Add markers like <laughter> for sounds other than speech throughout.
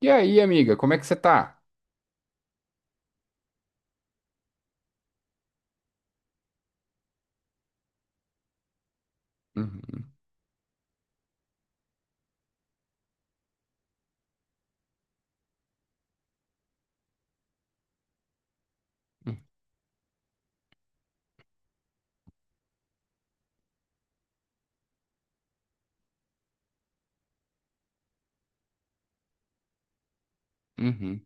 E aí, amiga, como é que você tá? Uhum, uhum,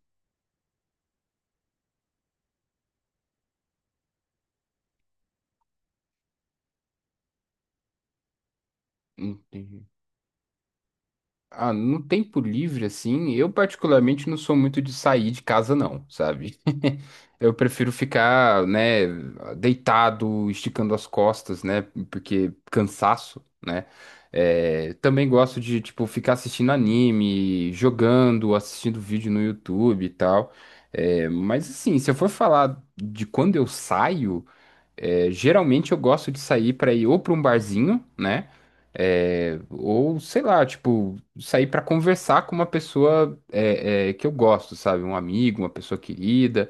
uhum, entendi. Ah, no tempo livre, assim, eu particularmente não sou muito de sair de casa, não, sabe? <laughs> Eu prefiro ficar, né, deitado, esticando as costas, né, porque cansaço, né? É, também gosto de, tipo, ficar assistindo anime, jogando, assistindo vídeo no YouTube e tal. É, mas, assim, se eu for falar de quando eu saio. É, geralmente eu gosto de sair para ir ou para um barzinho, né? É, ou sei lá, tipo, sair para conversar com uma pessoa que eu gosto, sabe? Um amigo, uma pessoa querida.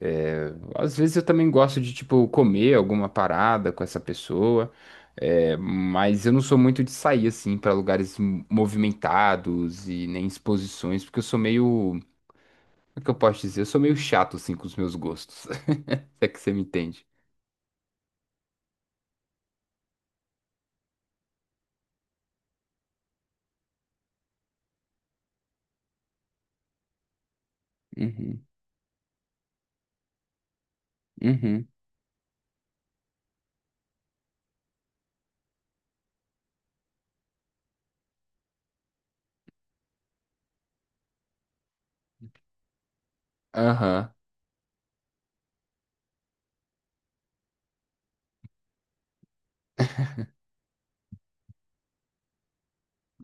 É, às vezes eu também gosto de, tipo, comer alguma parada com essa pessoa. É, mas eu não sou muito de sair assim para lugares movimentados e nem exposições, porque eu sou meio, como é que eu posso dizer? Eu sou meio chato assim com os meus gostos. <laughs> Se é que você me entende. Uhum, uhum. Aham.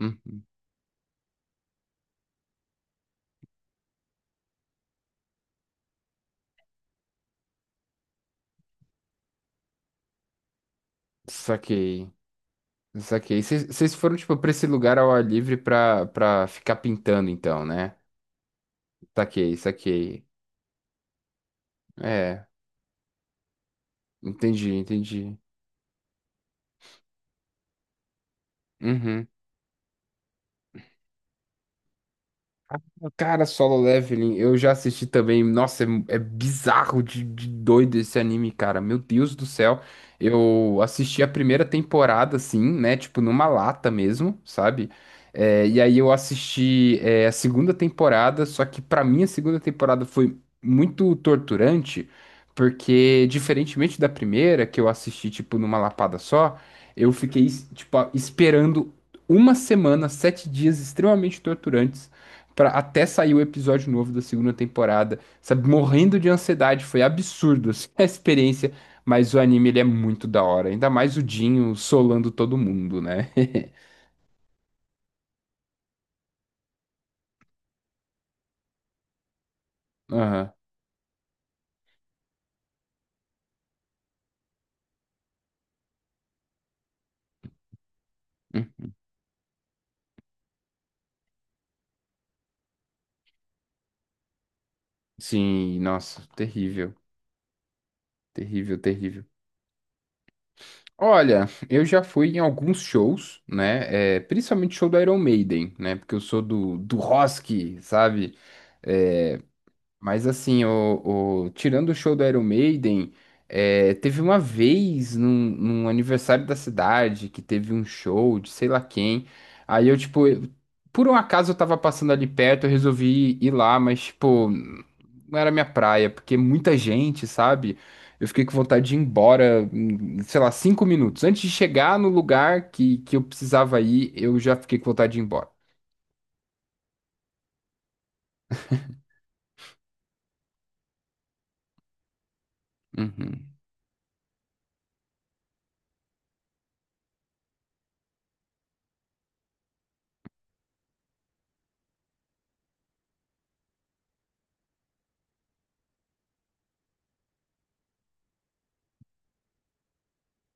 Uhum. Saquei. Saquei. Vocês foram, tipo, pra esse lugar ao ar livre pra ficar pintando, então, né? Saquei, saquei. É, entendi, entendi. Uhum. Cara, Solo Leveling, eu já assisti também. Nossa, é bizarro de doido esse anime, cara. Meu Deus do céu. Eu assisti a primeira temporada, assim, né? Tipo, numa lata mesmo, sabe? É, e aí eu assisti, é, a segunda temporada, só que pra mim a segunda temporada foi muito torturante, porque, diferentemente da primeira, que eu assisti, tipo, numa lapada só, eu fiquei, tipo, esperando uma semana, sete dias extremamente torturantes pra, até sair o episódio novo da segunda temporada, sabe? Morrendo de ansiedade, foi absurdo assim, <laughs> a experiência, mas o anime ele é muito da hora, ainda mais o Dinho solando todo mundo, né? <laughs> Aham. Hum, Sim, nossa, terrível, terrível, terrível. Olha, eu já fui em alguns shows, né? É, principalmente show do Iron Maiden, né? Porque eu sou do, do rock, sabe? É, mas assim, tirando o show do Iron Maiden, é, teve uma vez num, num aniversário da cidade que teve um show de sei lá quem. Aí eu, tipo, por um acaso eu tava passando ali perto, eu resolvi ir lá, mas, tipo, não era minha praia, porque muita gente, sabe? Eu fiquei com vontade de ir embora, em, sei lá, cinco minutos. Antes de chegar no lugar que eu precisava ir, eu já fiquei com vontade de ir embora. Uhum.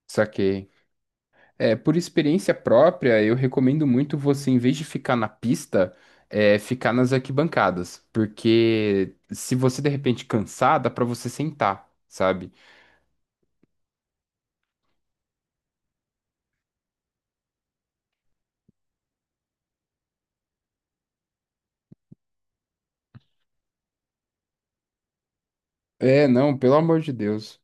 Saquei. É, por experiência própria, eu recomendo muito você, em vez de ficar na pista, é, ficar nas arquibancadas, porque se você de repente cansar, dá pra você sentar, sabe? É, não, pelo amor de Deus.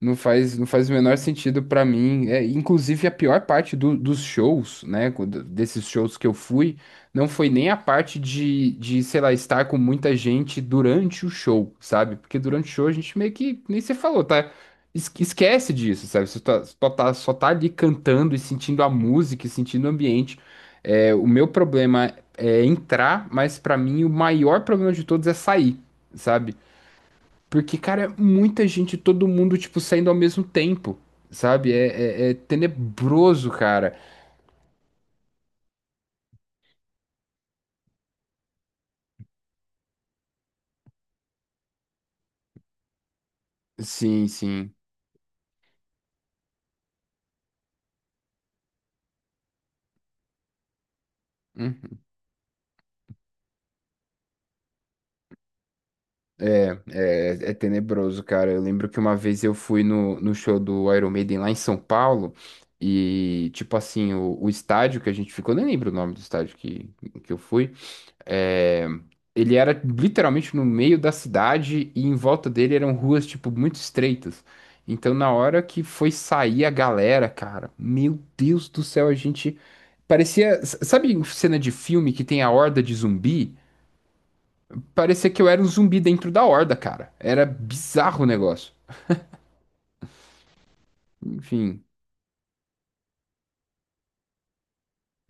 Não faz o menor sentido pra mim. É, inclusive, a pior parte dos shows, né? Desses shows que eu fui, não foi nem a parte sei lá, estar com muita gente durante o show, sabe? Porque durante o show a gente meio que, nem você falou, tá? Esquece disso, sabe? Só só tá ali cantando e sentindo a música e sentindo o ambiente. É, o meu problema é entrar, mas pra mim o maior problema de todos é sair, sabe? Porque, cara, é muita gente, todo mundo, tipo, saindo ao mesmo tempo, sabe? É tenebroso, cara. Sim, sim. Uhum. É, é tenebroso, cara. Eu lembro que uma vez eu fui no show do Iron Maiden lá em São Paulo e, tipo assim, o estádio que a gente ficou, nem lembro o nome do estádio que eu fui. É, ele era literalmente no meio da cidade e em volta dele eram ruas, tipo, muito estreitas. Então, na hora que foi sair a galera, cara, meu Deus do céu, a gente parecia. Sabe em cena de filme que tem a horda de zumbi? Parecia que eu era um zumbi dentro da horda, cara. Era bizarro o negócio. Enfim.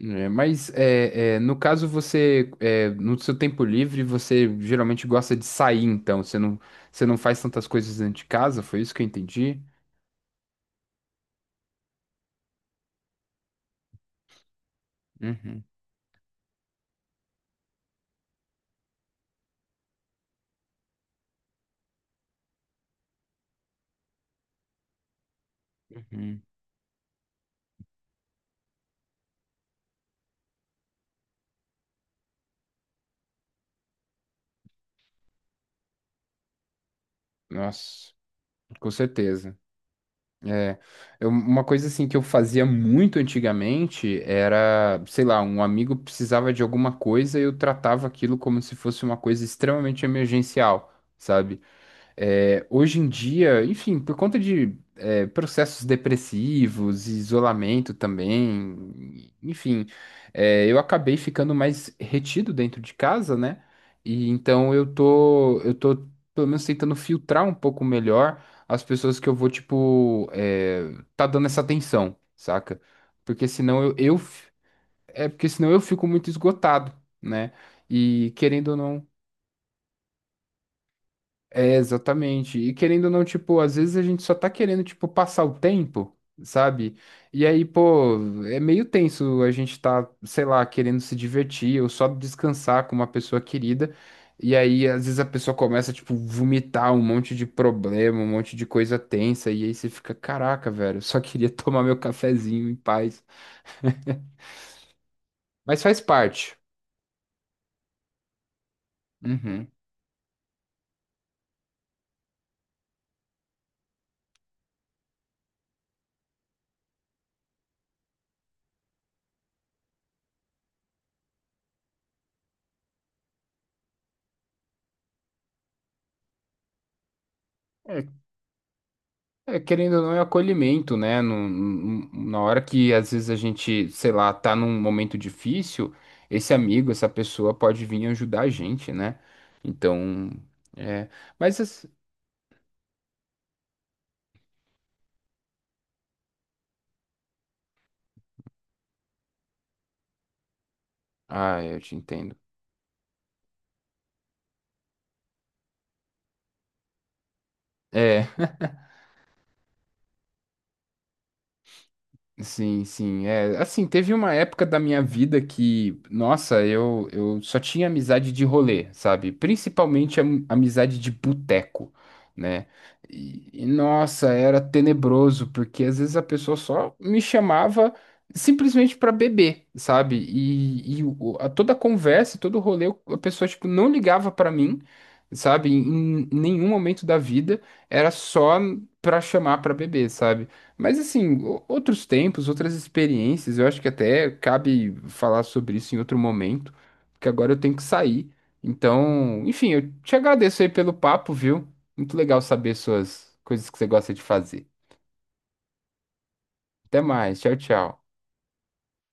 É, mas é, é, no caso você é, no seu tempo livre você geralmente gosta de sair, então você não faz tantas coisas dentro de casa, foi isso que eu entendi. Uhum, uhum. Nossa, com certeza. É, uma coisa assim que eu fazia muito antigamente era, sei lá, um amigo precisava de alguma coisa e eu tratava aquilo como se fosse uma coisa extremamente emergencial, sabe? É, hoje em dia, enfim, por conta de é, processos depressivos, isolamento também, enfim, é, eu acabei ficando mais retido dentro de casa, né? E então eu tô pelo menos tentando filtrar um pouco melhor as pessoas que eu vou, tipo, é, tá dando essa atenção, saca? Porque senão é porque senão eu fico muito esgotado, né? E querendo ou não é, exatamente. E querendo ou não, tipo, às vezes a gente só tá querendo, tipo, passar o tempo, sabe? E aí, pô, é meio tenso a gente tá, sei lá, querendo se divertir ou só descansar com uma pessoa querida. E aí, às vezes a pessoa começa, tipo, vomitar um monte de problema, um monte de coisa tensa. E aí você fica, caraca, velho, eu só queria <laughs> tomar meu cafezinho em paz. Mas faz parte. Uhum. É, querendo ou não, é acolhimento, né? Na hora que às vezes a gente, sei lá, tá num momento difícil, esse amigo, essa pessoa pode vir ajudar a gente, né? Então, é. Mas, as- ah, eu te entendo. É. Sim, sim. É, assim, teve uma época da minha vida que, nossa, eu só tinha amizade de rolê, sabe? Principalmente amizade de boteco, né? E, nossa, era tenebroso, porque às vezes a pessoa só me chamava simplesmente pra beber, sabe? E, toda a conversa, todo o rolê, a pessoa, tipo, não ligava pra mim, sabe? Em nenhum momento da vida, era só pra chamar pra beber, sabe? Mas assim, outros tempos, outras experiências, eu acho que até cabe falar sobre isso em outro momento, porque agora eu tenho que sair. Então, enfim, eu te agradeço aí pelo papo, viu? Muito legal saber suas coisas que você gosta de fazer. Até mais, tchau, tchau.